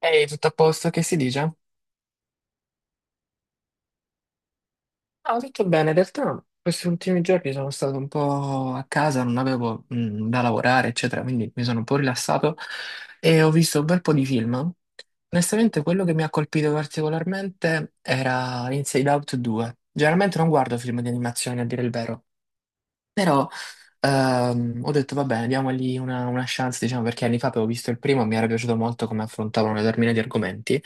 Ehi, tutto a posto, che si dice? Ah, tutto bene, in realtà questi ultimi giorni sono stato un po' a casa, non avevo da lavorare, eccetera, quindi mi sono un po' rilassato e ho visto un bel po' di film. Onestamente, quello che mi ha colpito particolarmente era Inside Out 2. Generalmente non guardo film di animazione, a dire il vero. Però ho detto, vabbè, diamogli una chance, diciamo, perché anni fa avevo visto il primo, mi era piaciuto molto come affrontavano determinati argomenti.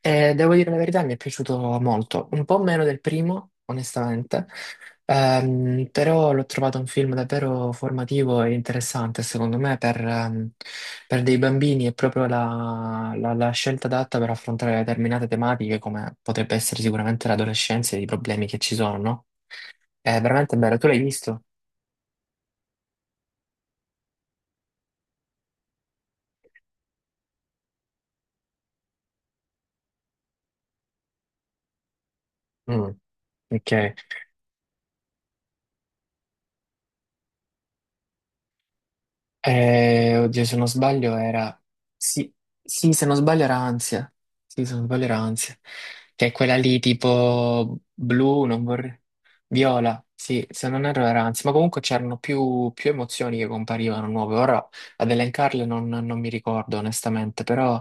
E devo dire la verità, mi è piaciuto molto, un po' meno del primo, onestamente, però l'ho trovato un film davvero formativo e interessante, secondo me, per dei bambini è proprio la scelta adatta per affrontare determinate tematiche, come potrebbe essere sicuramente l'adolescenza e i problemi che ci sono, no? È veramente bello, tu l'hai visto? Mm, ok. Oddio, se non sbaglio era. Sì, sì, se non sbaglio era ansia. Sì, se non sbaglio era ansia. Che è quella lì tipo blu, non vorrei. Viola, sì, se non erro era ansia. Ma comunque c'erano più emozioni che comparivano nuove. Ora ad elencarle non mi ricordo onestamente, però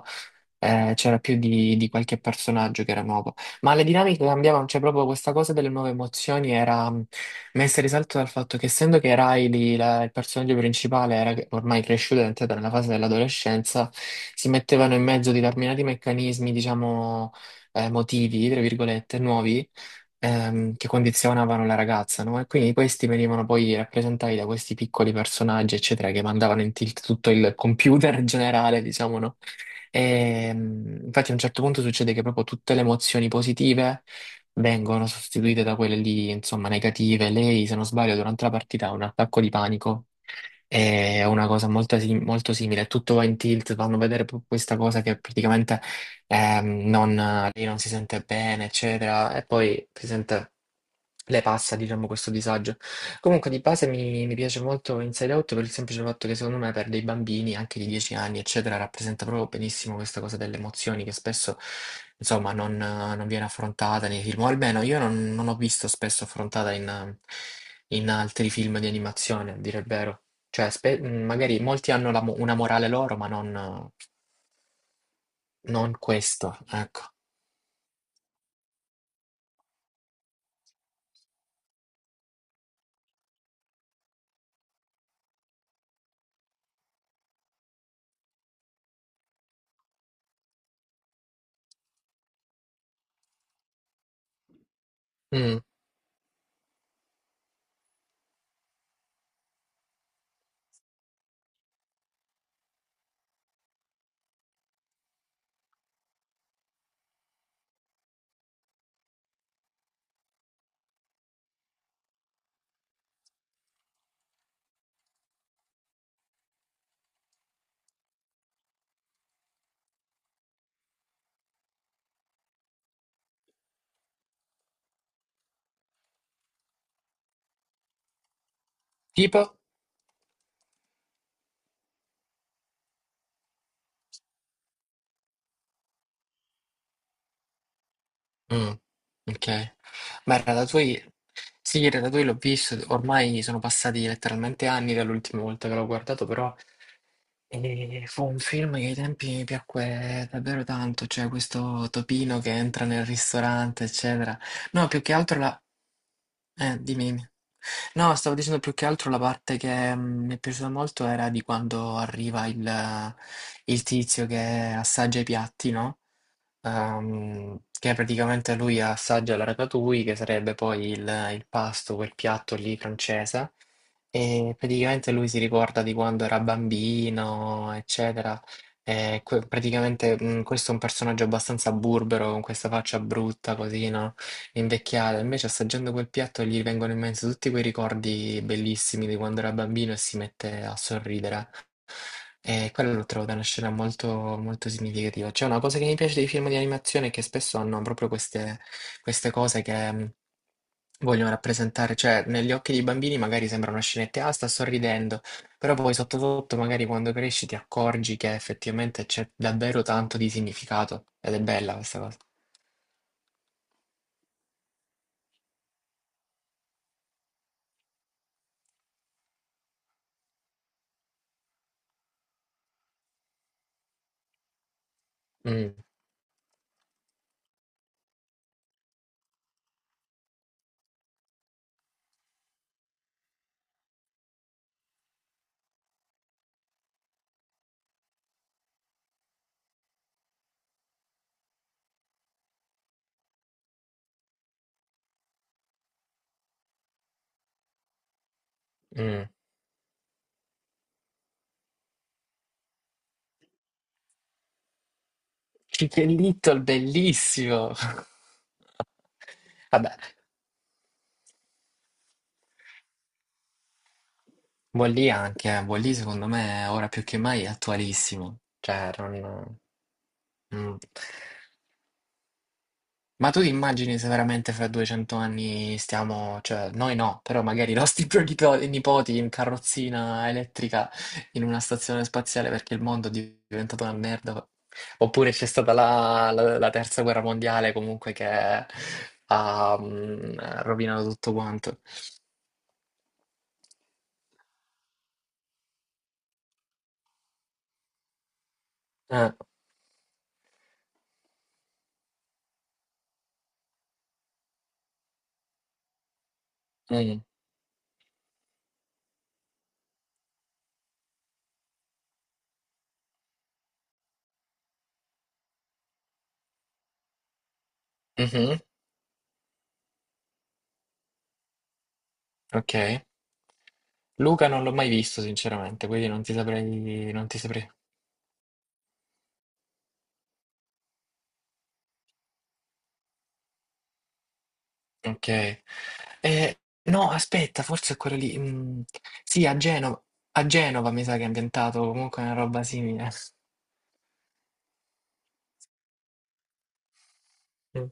c'era più di qualche personaggio che era nuovo. Ma le dinamiche cambiavano, cioè proprio questa cosa delle nuove emozioni era messa in risalto dal fatto che essendo che Riley, il personaggio principale, era ormai cresciuto ed è entrato nella fase dell'adolescenza, si mettevano in mezzo determinati meccanismi, diciamo, motivi, tra virgolette, nuovi che condizionavano la ragazza, no? E quindi questi venivano poi rappresentati da questi piccoli personaggi, eccetera, che mandavano in tilt tutto il computer generale, diciamo, no? E, infatti a un certo punto succede che proprio tutte le emozioni positive vengono sostituite da quelle lì, insomma, negative. Lei, se non sbaglio, durante la partita ha un attacco di panico. È una cosa molto, molto simile, tutto va in tilt, fanno vedere questa cosa che praticamente non, lì non si sente bene, eccetera, e poi si sente. Lei passa, diciamo, questo disagio. Comunque di base mi piace molto Inside Out per il semplice fatto che secondo me per dei bambini anche di 10 anni, eccetera, rappresenta proprio benissimo questa cosa delle emozioni che spesso, insomma, non viene affrontata nei film, o almeno io non ho visto spesso affrontata in altri film di animazione, a dire il vero. Cioè, magari molti hanno una morale loro, ma non questo, ecco. Mm. Tipo? Mm, ok. Ma il Ratatouille, sì, il Ratatouille l'ho visto, ormai sono passati letteralmente anni dall'ultima volta che l'ho guardato, però fu un film che ai tempi mi piacque davvero tanto, cioè questo topino che entra nel ristorante, eccetera. No, più che altro la. Dimmi, dimmi. No, stavo dicendo più che altro la parte che mi è piaciuta molto era di quando arriva il tizio che assaggia i piatti, no? Che praticamente lui assaggia la ratatouille, che sarebbe poi il pasto, quel piatto lì francese, e praticamente lui si ricorda di quando era bambino, eccetera. E praticamente questo è un personaggio abbastanza burbero, con questa faccia brutta, così, no? Invecchiata. Invece assaggiando quel piatto gli vengono in mente tutti quei ricordi bellissimi di quando era bambino e si mette a sorridere. E quello lo trovo da una scena molto, molto significativa. C'è una cosa che mi piace dei film di animazione è che spesso hanno proprio queste cose che vogliono rappresentare, cioè negli occhi dei bambini magari sembra una scenetta, ah, sta sorridendo, però poi sotto sotto magari quando cresci ti accorgi che effettivamente c'è davvero tanto di significato ed è bella questa cosa. Mm, mm. Chicken Little, bellissimo! Vabbè. Buon lì anche, eh. Buon lì secondo me ora più che mai è attualissimo, cioè non. Mm. Ma tu ti immagini se veramente fra 200 anni stiamo, cioè noi no, però magari i nostri nipoti in carrozzina elettrica in una stazione spaziale perché il mondo è diventato una merda, oppure c'è stata la terza guerra mondiale comunque che ha rovinato tutto quanto. Eh, mm, mhm, ok. Luca non l'ho mai visto, sinceramente, quindi non ti saprei. Non ti saprei. Ok. Eh, no, aspetta, forse è quello lì. Mm, sì, a Genova. A Genova mi sa che è ambientato comunque una roba simile. Mm.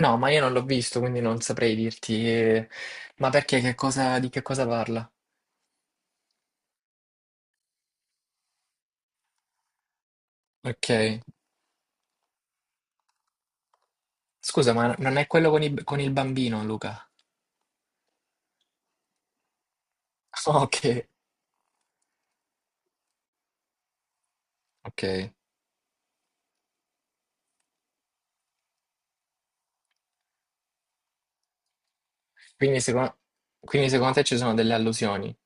No, ma io non l'ho visto, quindi non saprei dirti. Ma perché che cosa, di che cosa parla? Ok. Scusa, ma non è quello con il bambino, Luca? Ok, ok. Quindi secondo, quindi secondo te ci sono delle allusioni?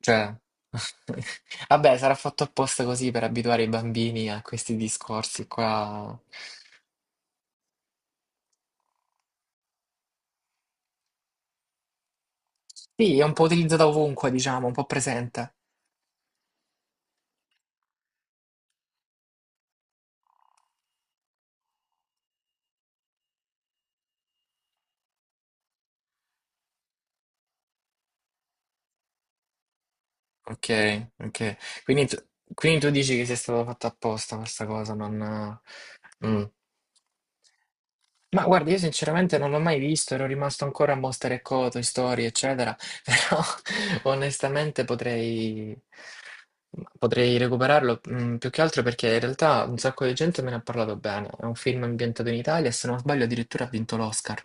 Cioè, vabbè, sarà fatto apposta così per abituare i bambini a questi discorsi qua. Sì, è un po' utilizzato ovunque, diciamo, un po' presente. Ok, ok. Quindi tu, quindi tu dici che sia stato fatto apposta questa cosa, non. Mm. Ma guarda, io sinceramente non l'ho mai visto, ero rimasto ancora a Monster e Co, Toy Story, eccetera, però onestamente potrei recuperarlo, più che altro perché in realtà un sacco di gente me ne ha parlato bene. È un film ambientato in Italia e se non sbaglio addirittura ha vinto l'Oscar.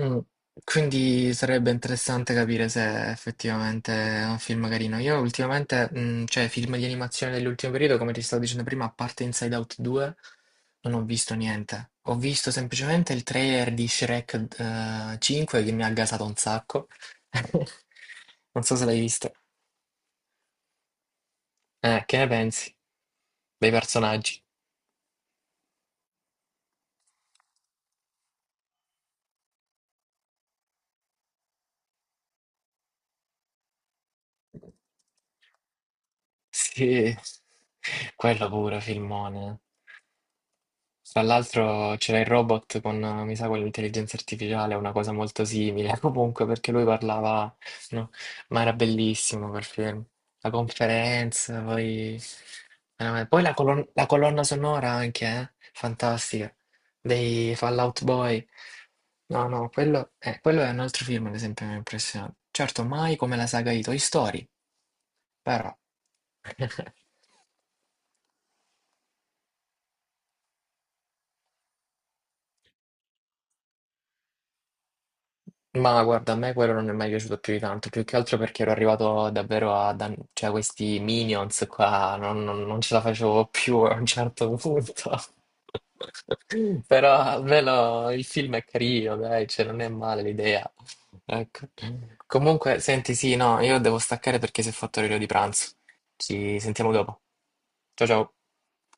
Mm, quindi sarebbe interessante capire se effettivamente è un film carino. Io ultimamente, cioè film di animazione dell'ultimo periodo, come ti stavo dicendo prima, a parte Inside Out 2, non ho visto niente. Ho visto semplicemente il trailer di Shrek 5 che mi ha gasato un sacco. Non so se l'hai visto. Che ne pensi dei personaggi? Sì, quello pure, filmone. Tra l'altro c'era il robot con, mi sa, con l'intelligenza artificiale, una cosa molto simile, comunque perché lui parlava, no? Ma era bellissimo quel film. La conferenza, poi, poi la colonna sonora anche, eh? Fantastica, dei Fallout Boy. No, no, quello è un altro film, ad esempio, che mi ha impressionato. Certo, mai come la saga di Toy Story, però. Ma guarda, a me quello non è mai piaciuto più di tanto, più che altro perché ero arrivato davvero cioè, questi minions qua, non ce la facevo più a un certo punto. Però almeno il film è carino, dai, cioè non è male l'idea. Ecco. Comunque, senti, sì, no, io devo staccare perché si è fatto l'orario di pranzo. Ci sentiamo dopo. Ciao ciao.